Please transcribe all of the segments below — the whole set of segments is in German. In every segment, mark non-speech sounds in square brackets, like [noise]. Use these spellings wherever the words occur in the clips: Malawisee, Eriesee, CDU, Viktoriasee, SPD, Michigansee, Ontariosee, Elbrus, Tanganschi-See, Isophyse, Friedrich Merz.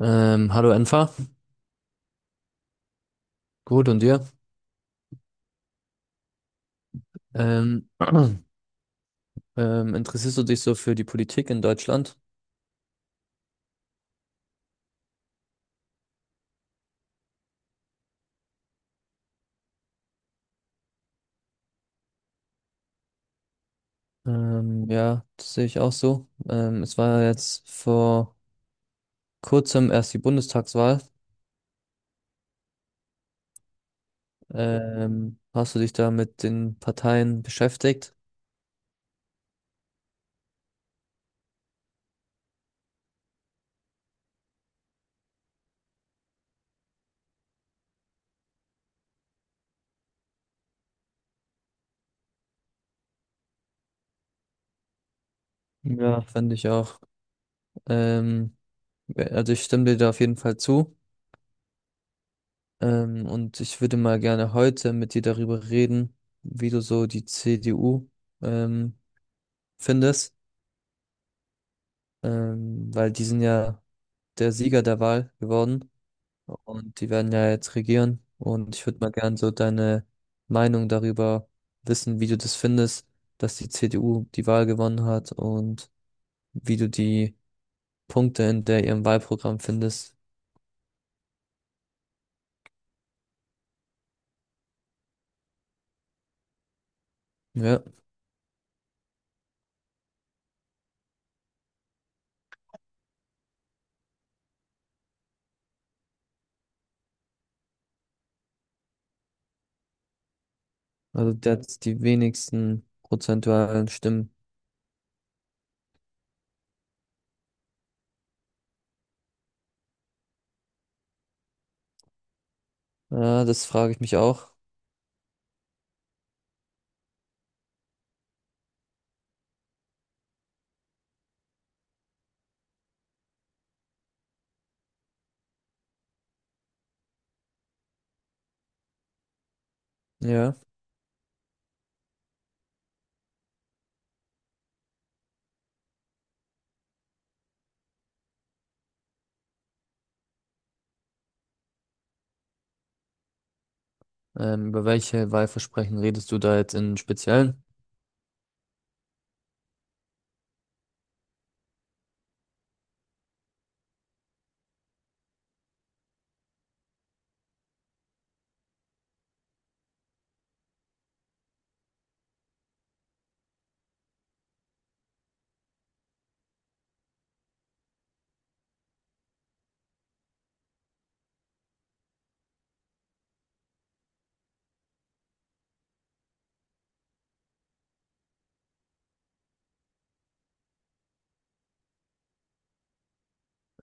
Hallo Enfa, gut und dir? Ähm, [clears throat] interessierst du dich so für die Politik in Deutschland? Ja, das sehe ich auch so. Es war jetzt vor kurzem erst die Bundestagswahl. Hast du dich da mit den Parteien beschäftigt? Ja, fand ich auch. Ähm, ja, also ich stimme dir da auf jeden Fall zu. Und ich würde mal gerne heute mit dir darüber reden, wie du so die CDU ähm, findest. Weil die sind ja der Sieger der Wahl geworden und die werden ja jetzt regieren. Und ich würde mal gern so deine Meinung darüber wissen, wie du das findest, dass die CDU die Wahl gewonnen hat und wie du die Punkte in der ihrem Wahlprogramm findest. Ja, also der hat die wenigsten prozentualen Stimmen. Ja, das frage ich mich auch. Ja. Über welche Wahlversprechen redest du da jetzt im Speziellen?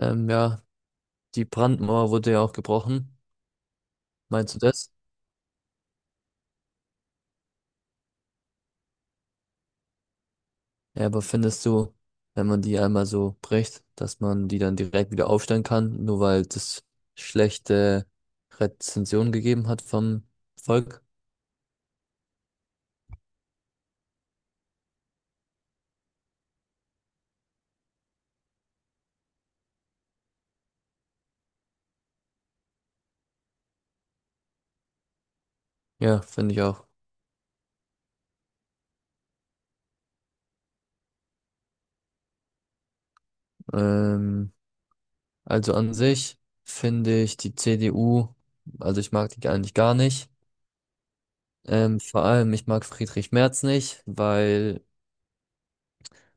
Ja, die Brandmauer wurde ja auch gebrochen. Meinst du das? Ja, aber findest du, wenn man die einmal so bricht, dass man die dann direkt wieder aufstellen kann, nur weil das schlechte Rezension gegeben hat vom Volk? Ja, finde ich auch. Ähm, also an sich finde ich die CDU, also ich mag die eigentlich gar nicht. Vor allem, ich mag Friedrich Merz nicht, weil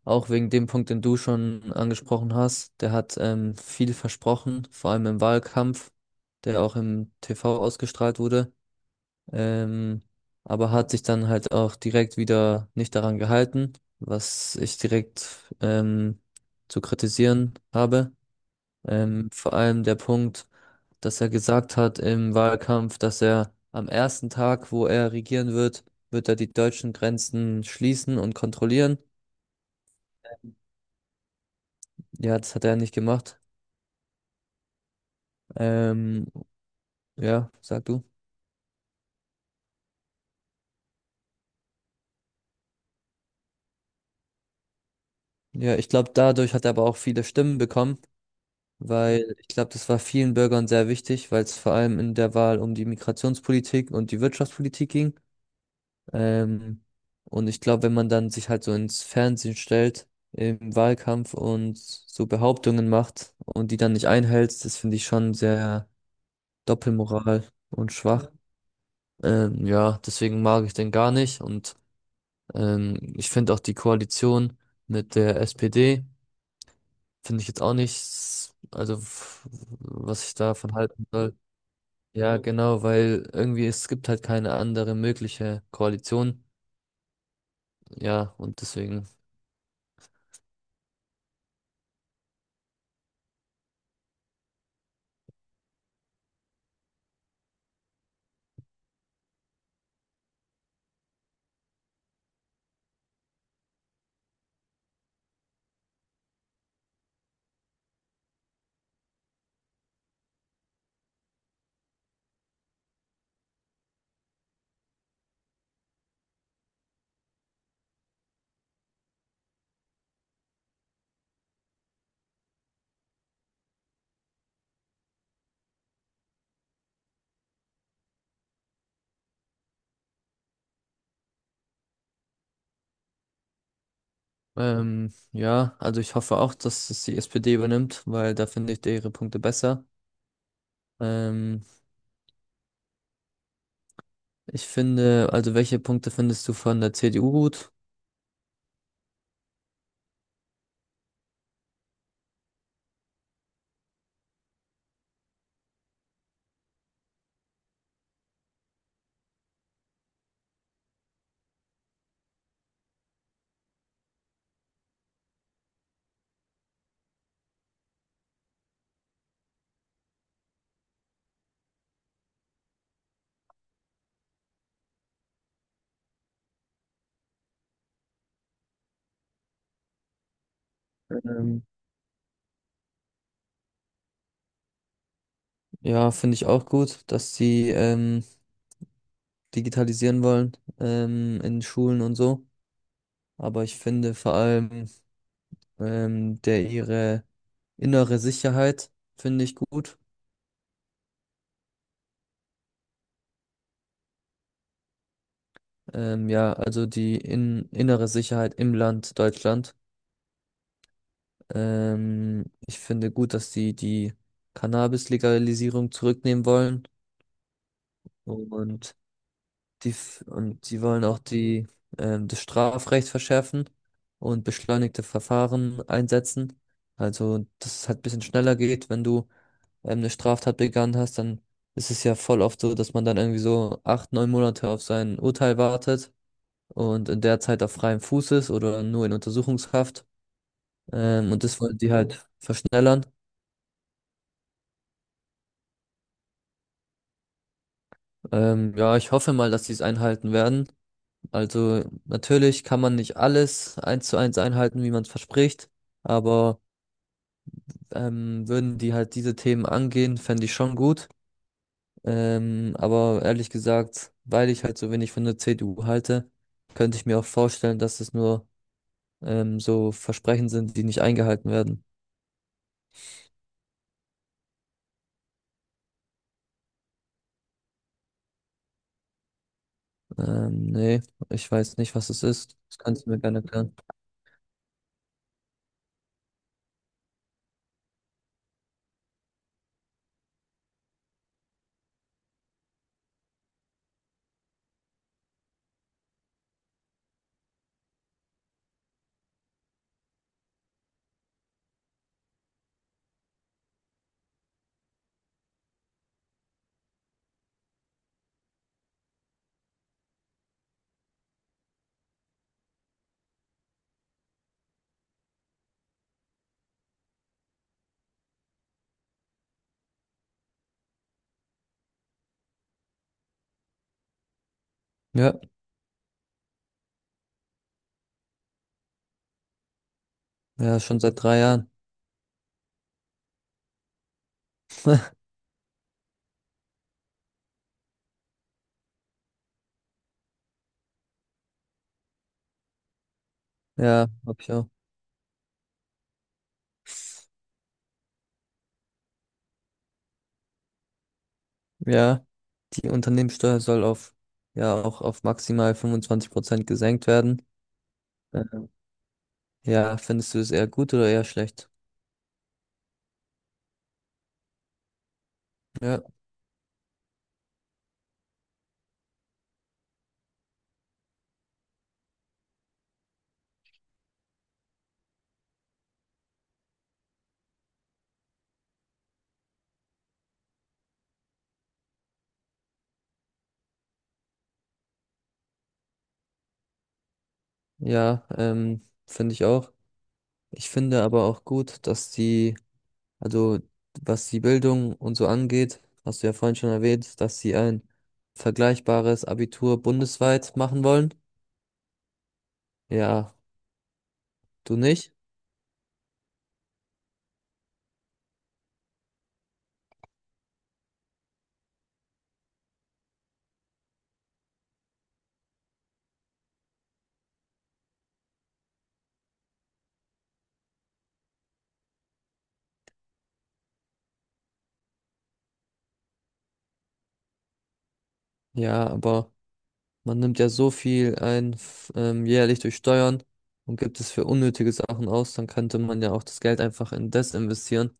auch wegen dem Punkt, den du schon angesprochen hast, der hat viel versprochen, vor allem im Wahlkampf, der auch im TV ausgestrahlt wurde, ähm, aber hat sich dann halt auch direkt wieder nicht daran gehalten, was ich direkt ähm, zu kritisieren habe. Vor allem der Punkt, dass er gesagt hat im Wahlkampf, dass er am ersten Tag, wo er regieren wird, wird er die deutschen Grenzen schließen und kontrollieren. Ja, das hat er nicht gemacht. Ähm, ja, sag du. Ja, ich glaube, dadurch hat er aber auch viele Stimmen bekommen, weil ich glaube, das war vielen Bürgern sehr wichtig, weil es vor allem in der Wahl um die Migrationspolitik und die Wirtschaftspolitik ging. Ähm, und ich glaube, wenn man dann sich halt so ins Fernsehen stellt im Wahlkampf und so Behauptungen macht und die dann nicht einhält, das finde ich schon sehr Doppelmoral und schwach. Ja, deswegen mag ich den gar nicht und ich finde auch die Koalition mit der SPD. Finde ich jetzt auch nichts, also was ich davon halten soll. Ja, ja, genau, weil irgendwie es gibt halt keine andere mögliche Koalition. Ja, und deswegen. Ja, also ich hoffe auch, dass es die SPD übernimmt, weil da finde ich ihre Punkte besser. Ähm, Ich finde, also welche Punkte findest du von der CDU gut? Ähm, ja, finde ich auch gut, dass sie digitalisieren wollen in Schulen und so. Aber ich finde vor allem der ihre innere Sicherheit finde ich gut. Ja, also die innere Sicherheit im Land Deutschland. Ich finde gut, dass sie die Cannabis-Legalisierung zurücknehmen wollen. Und die, und die wollen auch die, das Strafrecht verschärfen und beschleunigte Verfahren einsetzen. Also, dass es halt ein bisschen schneller geht, wenn du eine Straftat begangen hast, dann ist es ja voll oft so, dass man dann irgendwie so acht, neun Monate auf sein Urteil wartet und in der Zeit auf freiem Fuß ist oder nur in Untersuchungshaft. Und das wollen die halt verschnellern. Ja, ich hoffe mal, dass sie es einhalten werden. Also natürlich kann man nicht alles eins zu eins einhalten, wie man es verspricht, aber würden die halt diese Themen angehen, fände ich schon gut. Aber ehrlich gesagt, weil ich halt so wenig von der CDU halte, könnte ich mir auch vorstellen, dass es nur so Versprechen sind, die nicht eingehalten werden. Nee, ich weiß nicht, was es ist. Das kannst du mir gerne erklären. Ja, ja, schon seit 3 Jahren. Ja, hab ich auch. Ja. Die Unternehmenssteuer soll auf, ja, auch auf maximal 25% gesenkt werden. Äh, Ja, findest du es eher gut oder eher schlecht? Ja, ja, finde ich auch. Ich finde aber auch gut, dass die, also was die Bildung und so angeht, hast du ja vorhin schon erwähnt, dass sie ein vergleichbares Abitur bundesweit machen wollen. Ja, du nicht? Ja, aber man nimmt ja so viel ein jährlich durch Steuern und gibt es für unnötige Sachen aus, dann könnte man ja auch das Geld einfach in das investieren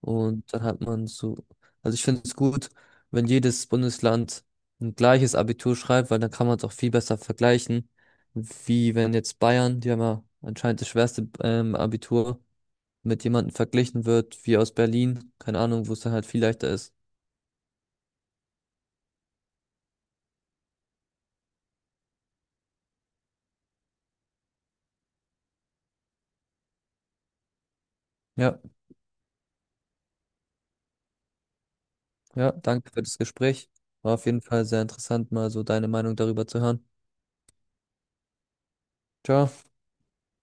und dann hat man so, also ich finde es gut, wenn jedes Bundesland ein gleiches Abitur schreibt, weil dann kann man es auch viel besser vergleichen, wie wenn jetzt Bayern, die haben ja anscheinend das schwerste Abitur, mit jemandem verglichen wird, wie aus Berlin, keine Ahnung, wo es dann halt viel leichter ist. Ja. Ja, danke für das Gespräch. War auf jeden Fall sehr interessant, mal so deine Meinung darüber zu hören. Ciao.